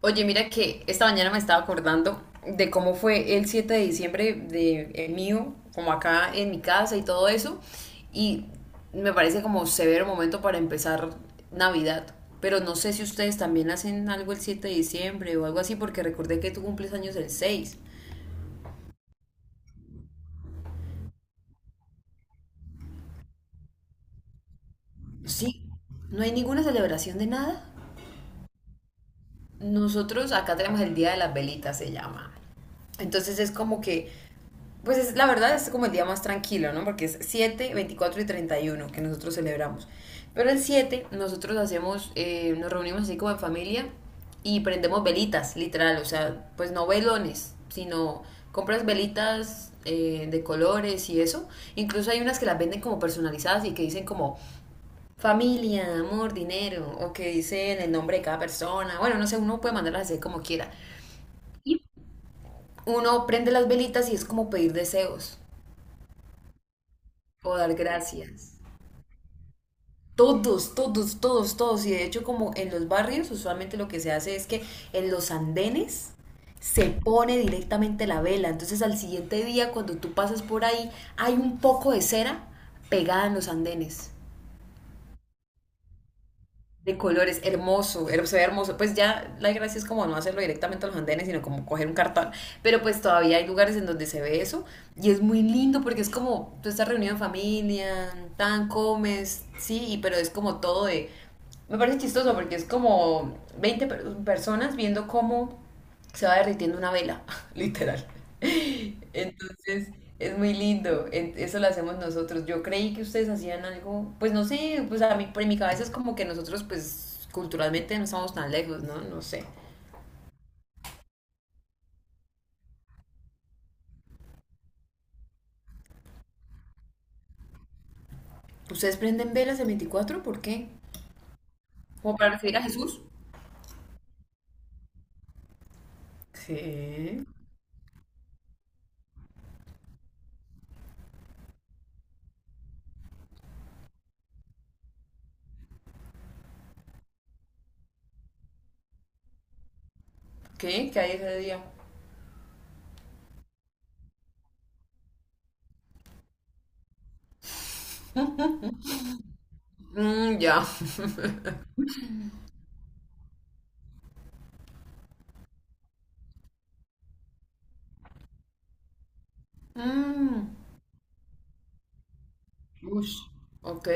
Oye, mira que esta mañana me estaba acordando de cómo fue el 7 de diciembre de el mío, como acá en mi casa y todo eso, y me parece como severo momento para empezar Navidad. Pero no sé si ustedes también hacen algo el 7 de diciembre o algo así, porque recordé que tú cumples años el seis. Sí, no hay ninguna celebración de nada. Nosotros acá tenemos el Día de las Velitas, se llama. Entonces es como que Pues es, la verdad es como el día más tranquilo, ¿no? Porque es 7 24 y 31 que nosotros celebramos. Pero el 7 nosotros hacemos, nos reunimos así como en familia y prendemos velitas, literal. O sea, pues no velones, sino compras velitas de colores y eso. Incluso hay unas que las venden como personalizadas y que dicen como familia, amor, dinero, o que dicen el nombre de cada persona. Bueno, no sé, uno puede mandarlas así como quiera. Uno prende las velitas y es como pedir deseos o dar gracias. Todos, todos, todos, todos. Y de hecho, como en los barrios, usualmente lo que se hace es que en los andenes se pone directamente la vela. Entonces al siguiente día, cuando tú pasas por ahí, hay un poco de cera pegada en los andenes de colores, hermoso, se ve hermoso. Pues ya la gracia es como no hacerlo directamente a los andenes, sino como coger un cartón. Pero pues todavía hay lugares en donde se ve eso y es muy lindo porque es como tú estás reunido en familia, tan comes, sí, pero es como todo de. Me parece chistoso porque es como 20 personas viendo cómo se va derritiendo una vela, literal. Entonces, es muy lindo, eso lo hacemos nosotros. Yo creí que ustedes hacían algo, pues no sé, pues a mí, por mi cabeza es como que nosotros, pues culturalmente no estamos tan lejos, ¿no? No sé. ¿Ustedes prenden velas el 24? ¿Por qué? ¿Como para recibir a Jesús? ¿Qué? ¿Qué? ¿Qué hay ese día? Mmm, ya. Mmm. Ush. Ok.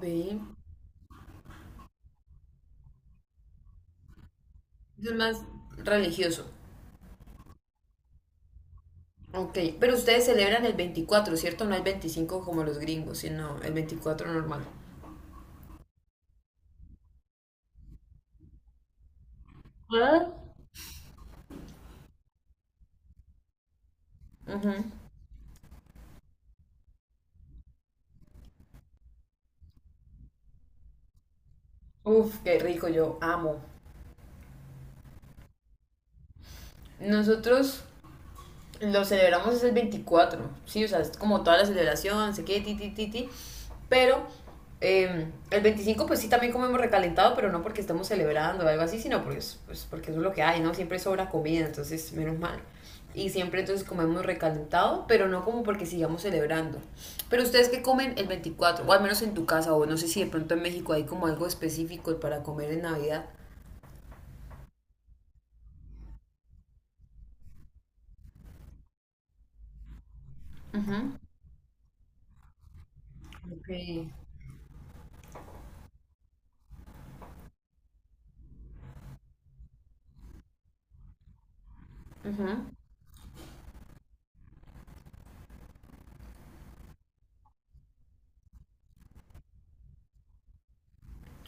Ve. Es más religioso. Ok, pero ustedes celebran el 24, ¿cierto? No el 25 como los gringos, sino el veinticuatro normal. ¿Ah? Ujú. Uf, qué rico, yo amo. Nosotros lo celebramos es el veinticuatro, ¿sí? O sea, es como toda la celebración, sé qué, ti, ti, ti, ti. Pero el 25 pues sí, también comemos recalentado, pero no porque estamos celebrando o algo así, sino porque, pues, porque eso es lo que hay, ¿no? Siempre sobra comida, entonces menos mal. Y siempre entonces comemos recalentado, pero no como porque sigamos celebrando. Pero ustedes que comen el 24 o al menos en tu casa, o no sé si de pronto en México hay como algo específico para comer en Navidad. Ujú. Ok. Ujú.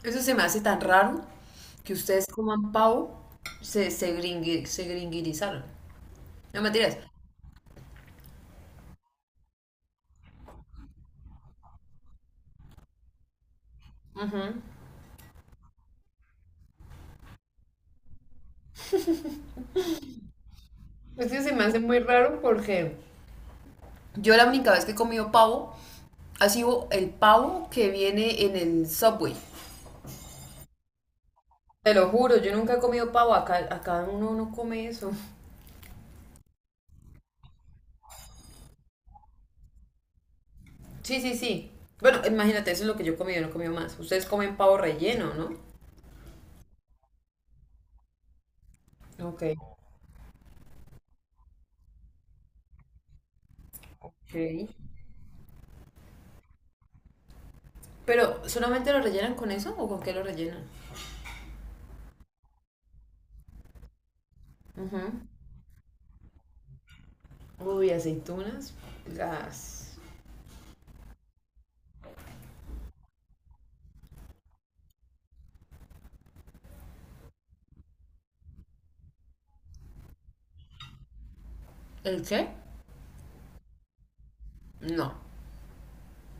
Eso se me hace tan raro que ustedes coman pavo, se gringuirizaron. No mentiras. Ujú. Es que se me hace muy raro porque yo la única vez que he comido pavo ha sido el pavo que viene en el Subway. Te lo juro, yo nunca he comido pavo. Acá uno no come eso. Sí, sí, sí. Bueno, imagínate, eso es lo que yo he comido, no he comido más. Ustedes comen pavo relleno, ¿no? Ok. Ok. Pero, ¿solamente lo rellenan con eso o con qué lo rellenan? Ujú. Uy, aceitunas. Las. ¿El qué? No,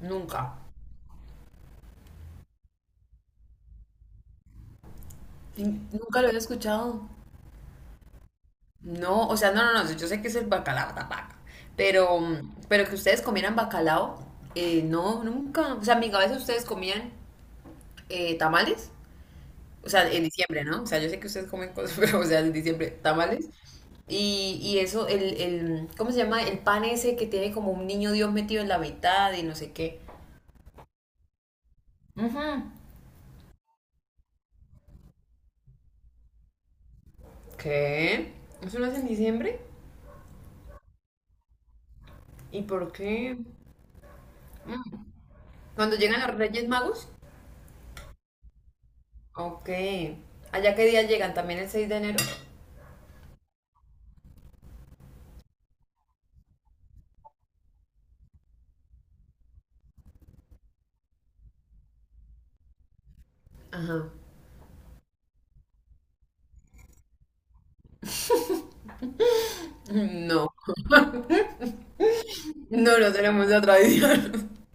nunca. Nunca lo había escuchado. No, o sea, no, no, no. Yo sé que es el bacalao, la vaca. Pero, pero, que ustedes comieran bacalao, no, nunca. O sea, en mi cabeza ustedes comían tamales. O sea, en diciembre, ¿no? O sea, yo sé que ustedes comen cosas, pero, o sea, en diciembre, tamales. Y eso, el, ¿cómo se llama? El pan ese que tiene como un niño Dios metido en la mitad y no sé qué. Ujú. ¿Qué? ¿Eso no es en diciembre? ¿Y por qué? ¿Cuando llegan los Reyes Magos? Ok. ¿Allá qué día llegan? ¿También el 6 de enero? Ajá. No, no, no tenemos la tradición.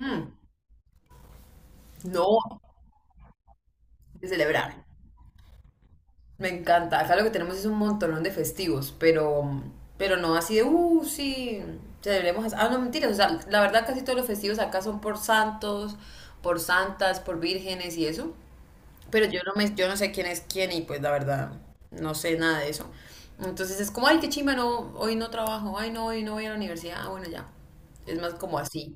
Mm, no, de celebrar. Me encanta. Acá lo que tenemos es un montonón de festivos, pero, no así de, sí, celebremos. Ah, no, mentiras. O sea, la verdad casi todos los festivos acá son por santos, por santas, por vírgenes y eso. Pero yo no sé quién es quién y pues la verdad no sé nada de eso. Entonces es como, ay, qué chimba, no, hoy no trabajo, ay, no, hoy no voy a la universidad, ah, bueno, ya. Es más como así.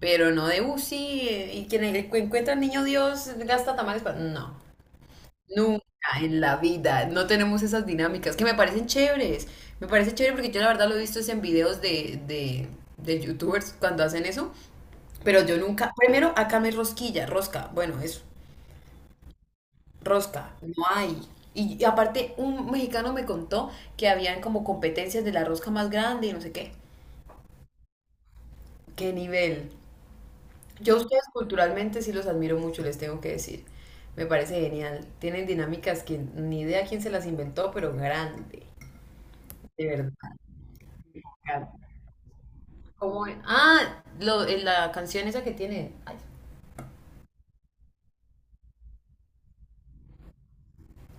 Pero no de, sí, y quien encuentra al niño Dios gasta tamales para. No, nunca en la vida, no tenemos esas dinámicas que me parecen chéveres. Me parece chévere porque yo la verdad lo he visto es en videos de youtubers cuando hacen eso. Pero yo nunca, primero acá me rosquilla, rosca, bueno, eso. Rosca, no hay. Y aparte, un mexicano me contó que habían como competencias de la rosca más grande y no sé qué. ¿Qué nivel? Yo a ustedes culturalmente sí los admiro mucho, les tengo que decir. Me parece genial. Tienen dinámicas que ni idea quién se las inventó, pero grande. De verdad. Como. Ah, en la canción esa que tiene. Ay,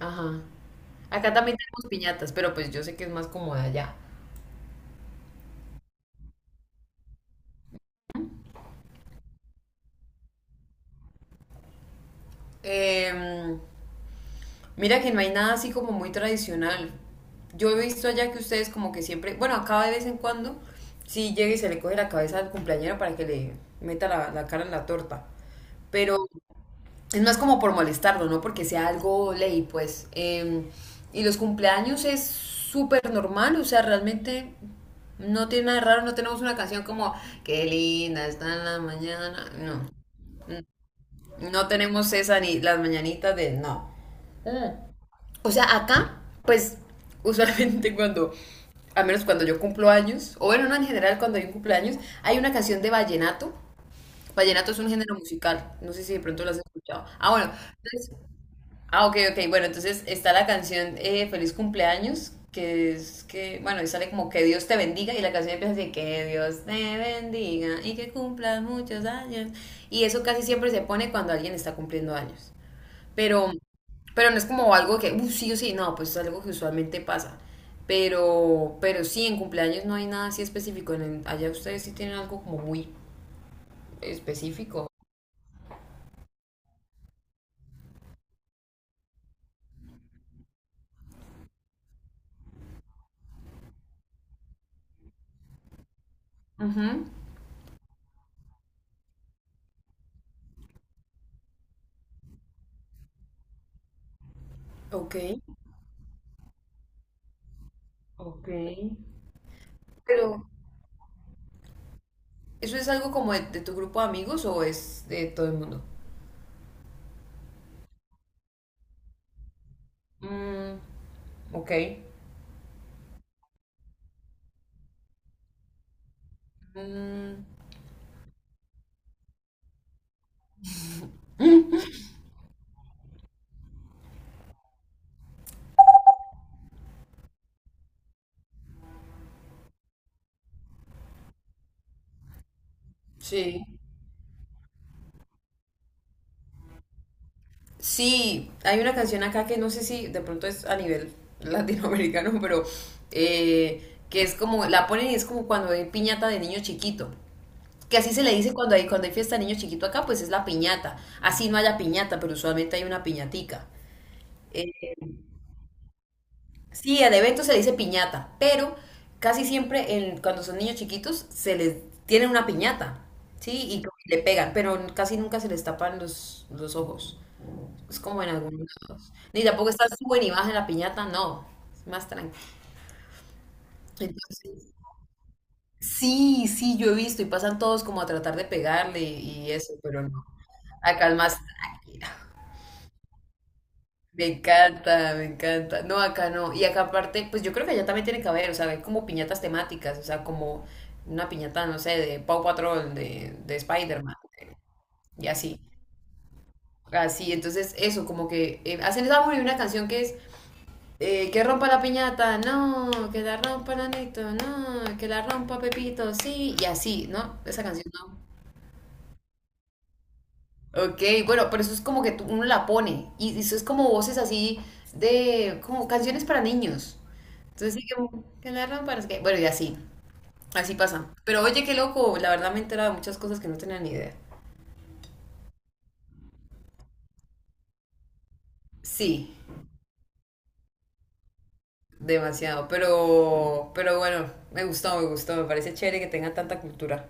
ajá. Acá también tenemos piñatas, pero pues yo sé que es más como de allá. Em, Mira que no hay nada así como muy tradicional. Yo he visto allá que ustedes como que siempre, bueno, acá de vez en cuando, sí llega y se le coge la cabeza al cumpleañero para que le meta la cara en la torta. Pero es más como por molestarlo, ¿no? Porque sea algo ley, pues. Y los cumpleaños es súper normal, o sea, realmente no tiene nada de raro, no tenemos una canción como, qué linda está la mañana, no. No tenemos esa ni las mañanitas de, no. O sea, acá, pues, usualmente cuando, a menos cuando yo cumplo años, o bueno, no en general cuando hay un cumpleaños, hay una canción de vallenato. Vallenato es un género musical, no sé si de pronto lo has escuchado. Ah, bueno, entonces, ah, ok, ok, bueno, entonces está la canción Feliz cumpleaños, que es que, bueno, y sale como que Dios te bendiga, y la canción empieza así, que Dios te bendiga y que cumplas muchos años. Y eso casi siempre se pone cuando alguien está cumpliendo años. Pero, pero, no es como algo que, sí o sí, no, pues es algo que usualmente pasa. Pero, sí, en cumpleaños no hay nada así específico. En allá ustedes sí tienen algo como muy específico. Ujú. Ok. Ok. Pero, ¿eso es algo como de tu grupo de amigos o es de todo el mundo? Mm, ok. Mm, sí. Sí, hay una canción acá que no sé si de pronto es a nivel latinoamericano, pero que es como, la ponen y es como cuando hay piñata de niño chiquito. Que así se le dice cuando hay, fiesta de niño chiquito acá, pues es la piñata. Así no haya piñata, pero usualmente hay una piñatica. Eh, sí, al evento se le dice piñata, pero casi siempre cuando son niños chiquitos se les tienen una piñata, ¿sí? Y como que le pegan, pero casi nunca se les tapan los ojos. Es como en algunos lados. Ni tampoco está sube ni baja en la piñata, no. Es más tranquilo. Entonces, sí, sí, yo he visto y pasan todos como a tratar de pegarle y eso, pero no. Acá es más tranquilo. Me encanta, me encanta. No, acá no. Y acá aparte, pues yo creo que allá también tiene que haber, o sea, hay como piñatas temáticas, o sea, como una piñata, no sé, de Paw Patrol, de Spider-Man, y así. Así, entonces eso, como que hacen esa muy una canción que es que rompa la piñata, no, que la rompa Nanito, no, que la rompa Pepito, sí, y así, ¿no? Esa canción no. Ok, bueno, pero eso es como que uno la pone, y eso es como voces así de, como canciones para niños. Entonces sí que la rompa, no sé qué. Bueno, y así, así pasa. Pero oye, qué loco, la verdad me he enterado de muchas cosas que no tenía ni idea. Sí, demasiado, pero, bueno, me gustó, me gustó, me parece chévere que tengan tanta cultura.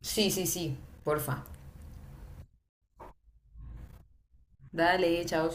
Sí, sí, sí, porfa. Dale, chao.